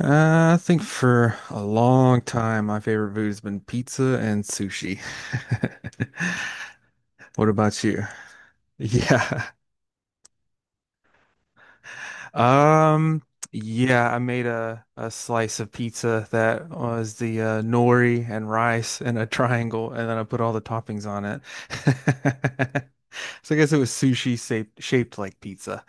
I think for a long time, my favorite food has been pizza and sushi. What about you? Yeah. Um, yeah, I made a slice of pizza that was the nori and rice in a triangle, and then I put all the toppings on it. So I guess it was sushi shaped, shaped like pizza.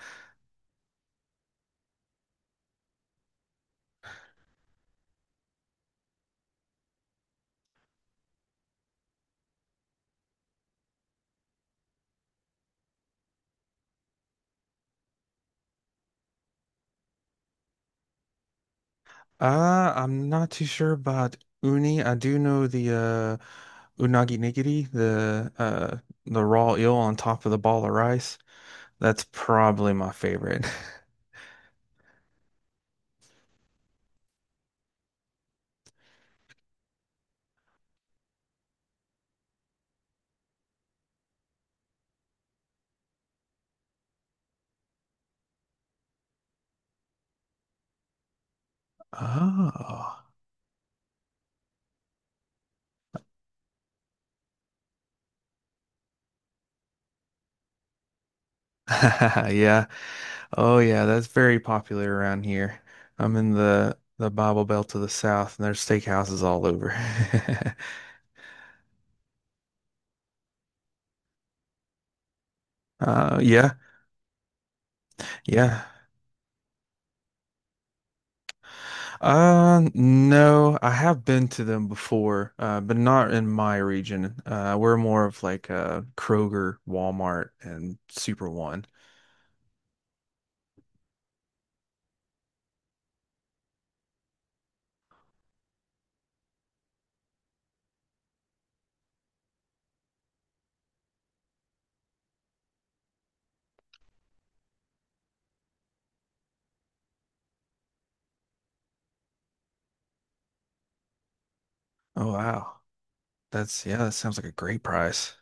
I'm not too sure about uni. I do know the unagi nigiri, the raw eel on top of the ball of rice. That's probably my favorite. Oh. Yeah. Oh yeah, that's very popular around here. I'm in the Bible Belt to the south, and there's steakhouses all over. Yeah. Yeah. No, I have been to them before, but not in my region. We're more of like Kroger, Walmart, and Super One. Oh wow. That's, yeah, that sounds like a great price.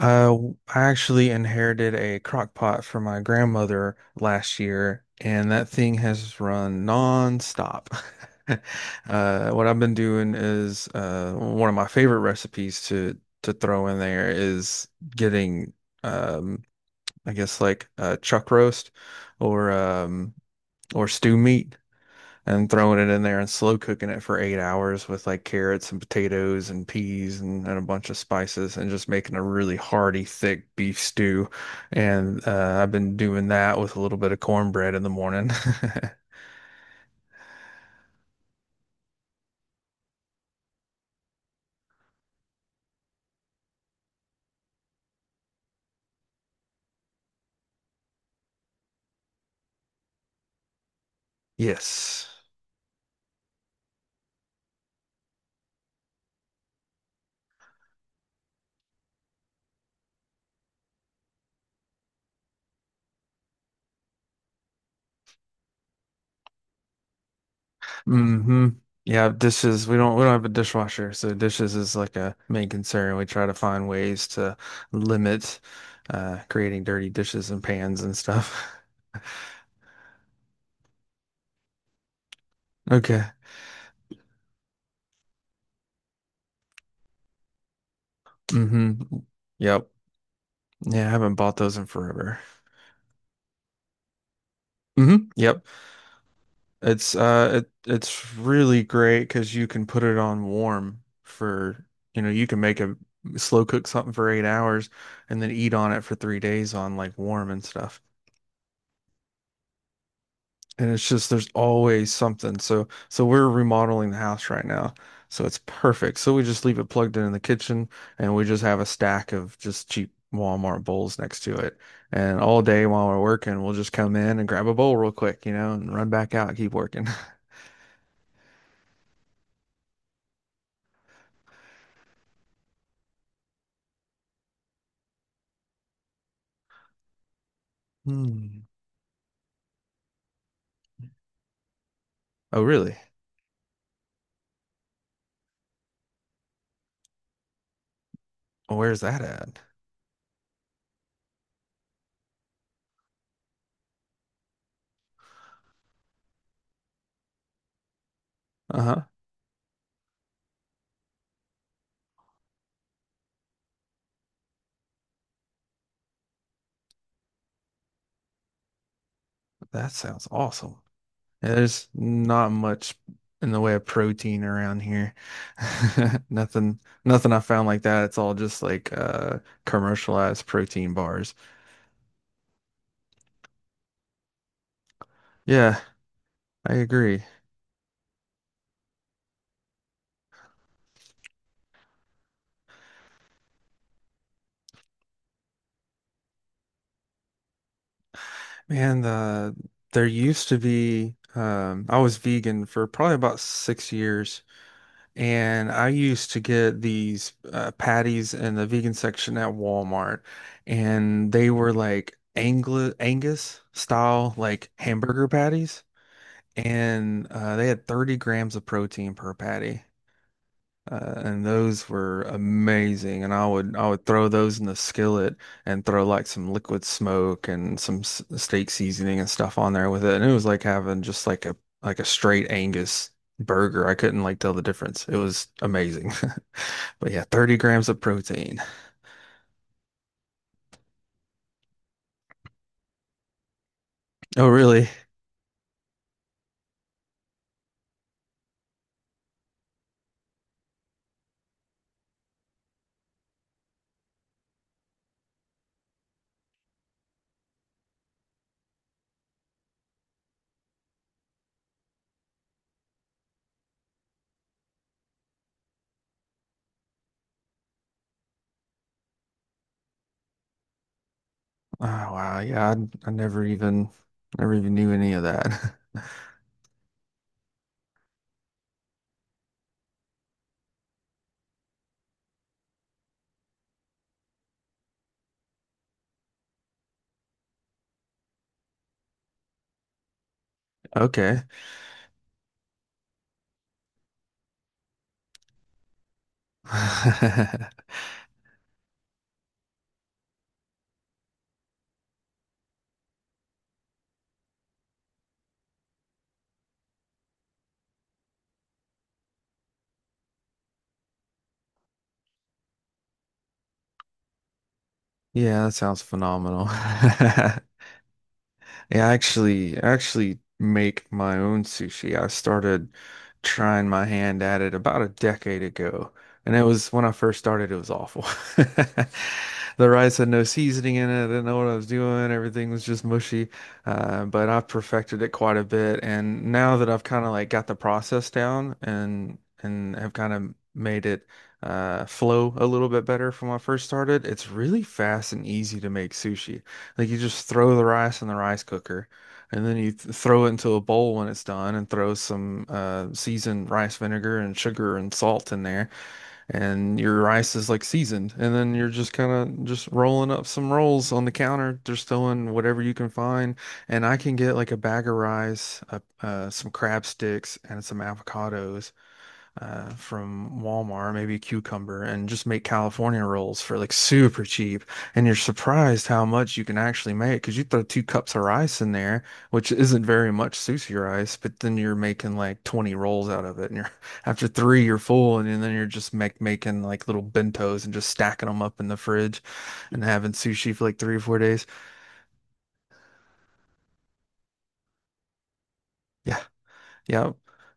I actually inherited a crock pot from my grandmother last year, and that thing has run nonstop. What I've been doing is one of my favorite recipes to throw in there is getting um, I guess like chuck roast or um, or stew meat and throwing it in there and slow cooking it for 8 hours with like carrots and potatoes and peas and a bunch of spices and just making a really hearty, thick beef stew. And I've been doing that with a little bit of cornbread in the morning. Yes. Hmm. Yeah, dishes. We don't have a dishwasher, so dishes is like a main concern. We try to find ways to limit creating dirty dishes and pans and stuff. Okay. Hmm. Yep. Yeah, I haven't bought those in forever. Hmm. Yep. It's it's really great 'cause you can put it on warm for, you know, you can make a slow cook something for 8 hours and then eat on it for 3 days on like warm and stuff. And it's just there's always something. So so we're remodeling the house right now. So it's perfect. So we just leave it plugged in the kitchen, and we just have a stack of just cheap Walmart bowls next to it. And all day while we're working, we'll just come in and grab a bowl real quick, you know, and run back out and keep working. Hmm. Oh, really? Where's that at? Uh-huh. That sounds awesome. Yeah, there's not much in the way of protein around here. Nothing, nothing I found like that. It's all just like commercialized protein bars. Yeah, I agree. Man, there used to be I was vegan for probably about 6 years, and I used to get these patties in the vegan section at Walmart, and they were like Angli Angus style like hamburger patties, and they had 30 grams of protein per patty. And those were amazing, and I would throw those in the skillet and throw like some liquid smoke and some s steak seasoning and stuff on there with it, and it was like having just like a straight Angus burger. I couldn't like tell the difference. It was amazing, but yeah, 30 grams of protein. Oh, really? Oh, wow. Yeah, I never even knew any of that. Okay. Yeah, that sounds phenomenal. Yeah, I actually make my own sushi. I started trying my hand at it about a decade ago. And it was when I first started, it was awful. The rice had no seasoning in it. I didn't know what I was doing. Everything was just mushy. But I've perfected it quite a bit. And now that I've kind of like got the process down and have kind of made it flow a little bit better from when I first started, it's really fast and easy to make sushi. Like you just throw the rice in the rice cooker, and then you th throw it into a bowl when it's done, and throw some seasoned rice vinegar and sugar and salt in there, and your rice is like seasoned. And then you're just kind of just rolling up some rolls on the counter, just throwing whatever you can find. And I can get like a bag of rice, some crab sticks, and some avocados from Walmart, maybe a cucumber, and just make California rolls for like super cheap. And you're surprised how much you can actually make because you throw two cups of rice in there, which isn't very much sushi rice, but then you're making like 20 rolls out of it. And you're after three, you're full, and then you're just making like little bentos and just stacking them up in the fridge and having sushi for like 3 or 4 days. Yeah, yeah.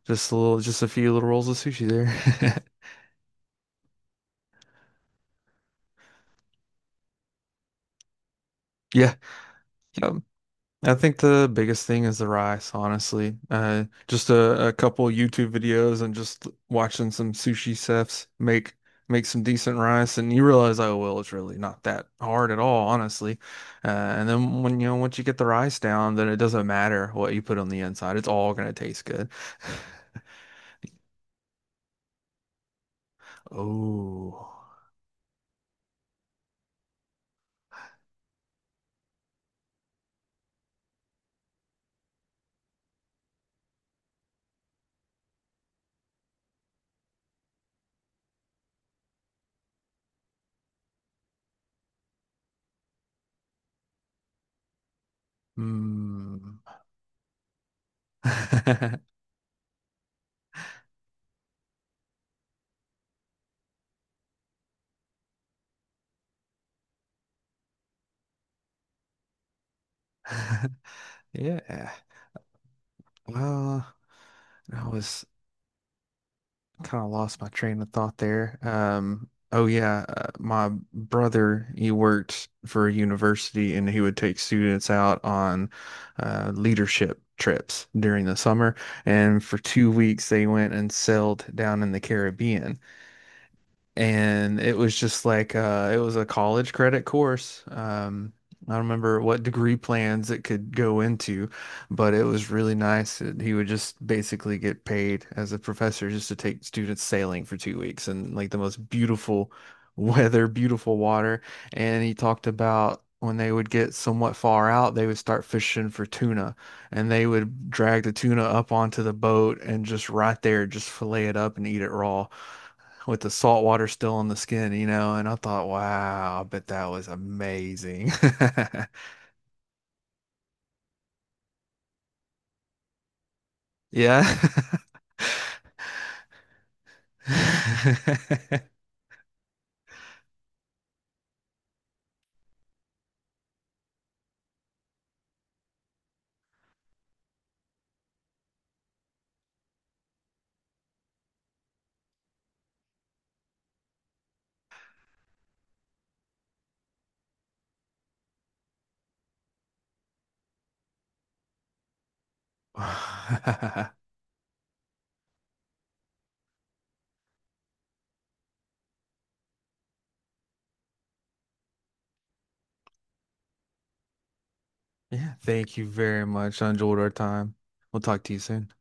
Just a little, just a few little rolls of sushi there. Yeah. Yep. I think the biggest thing is the rice, honestly. Just a couple YouTube videos and just watching some sushi chefs make some decent rice, and you realize, oh well, it's really not that hard at all, honestly. And then when you know once you get the rice down, then it doesn't matter what you put on the inside; it's all gonna taste good. Oh, mm. Yeah. Well, I was. Kind of lost my train of thought there. Oh yeah, my brother, he worked for a university and he would take students out on leadership trips during the summer. And for 2 weeks, they went and sailed down in the Caribbean, and it was just like it was a college credit course. I don't remember what degree plans it could go into, but it was really nice. It, he would just basically get paid as a professor just to take students sailing for 2 weeks and like the most beautiful weather, beautiful water. And he talked about when they would get somewhat far out, they would start fishing for tuna, and they would drag the tuna up onto the boat and just right there, just fillet it up and eat it raw with the salt water still on the skin, you know, and I thought, wow, I bet that was amazing. Yeah. Yeah, thank you very much. I enjoyed our time. We'll talk to you soon.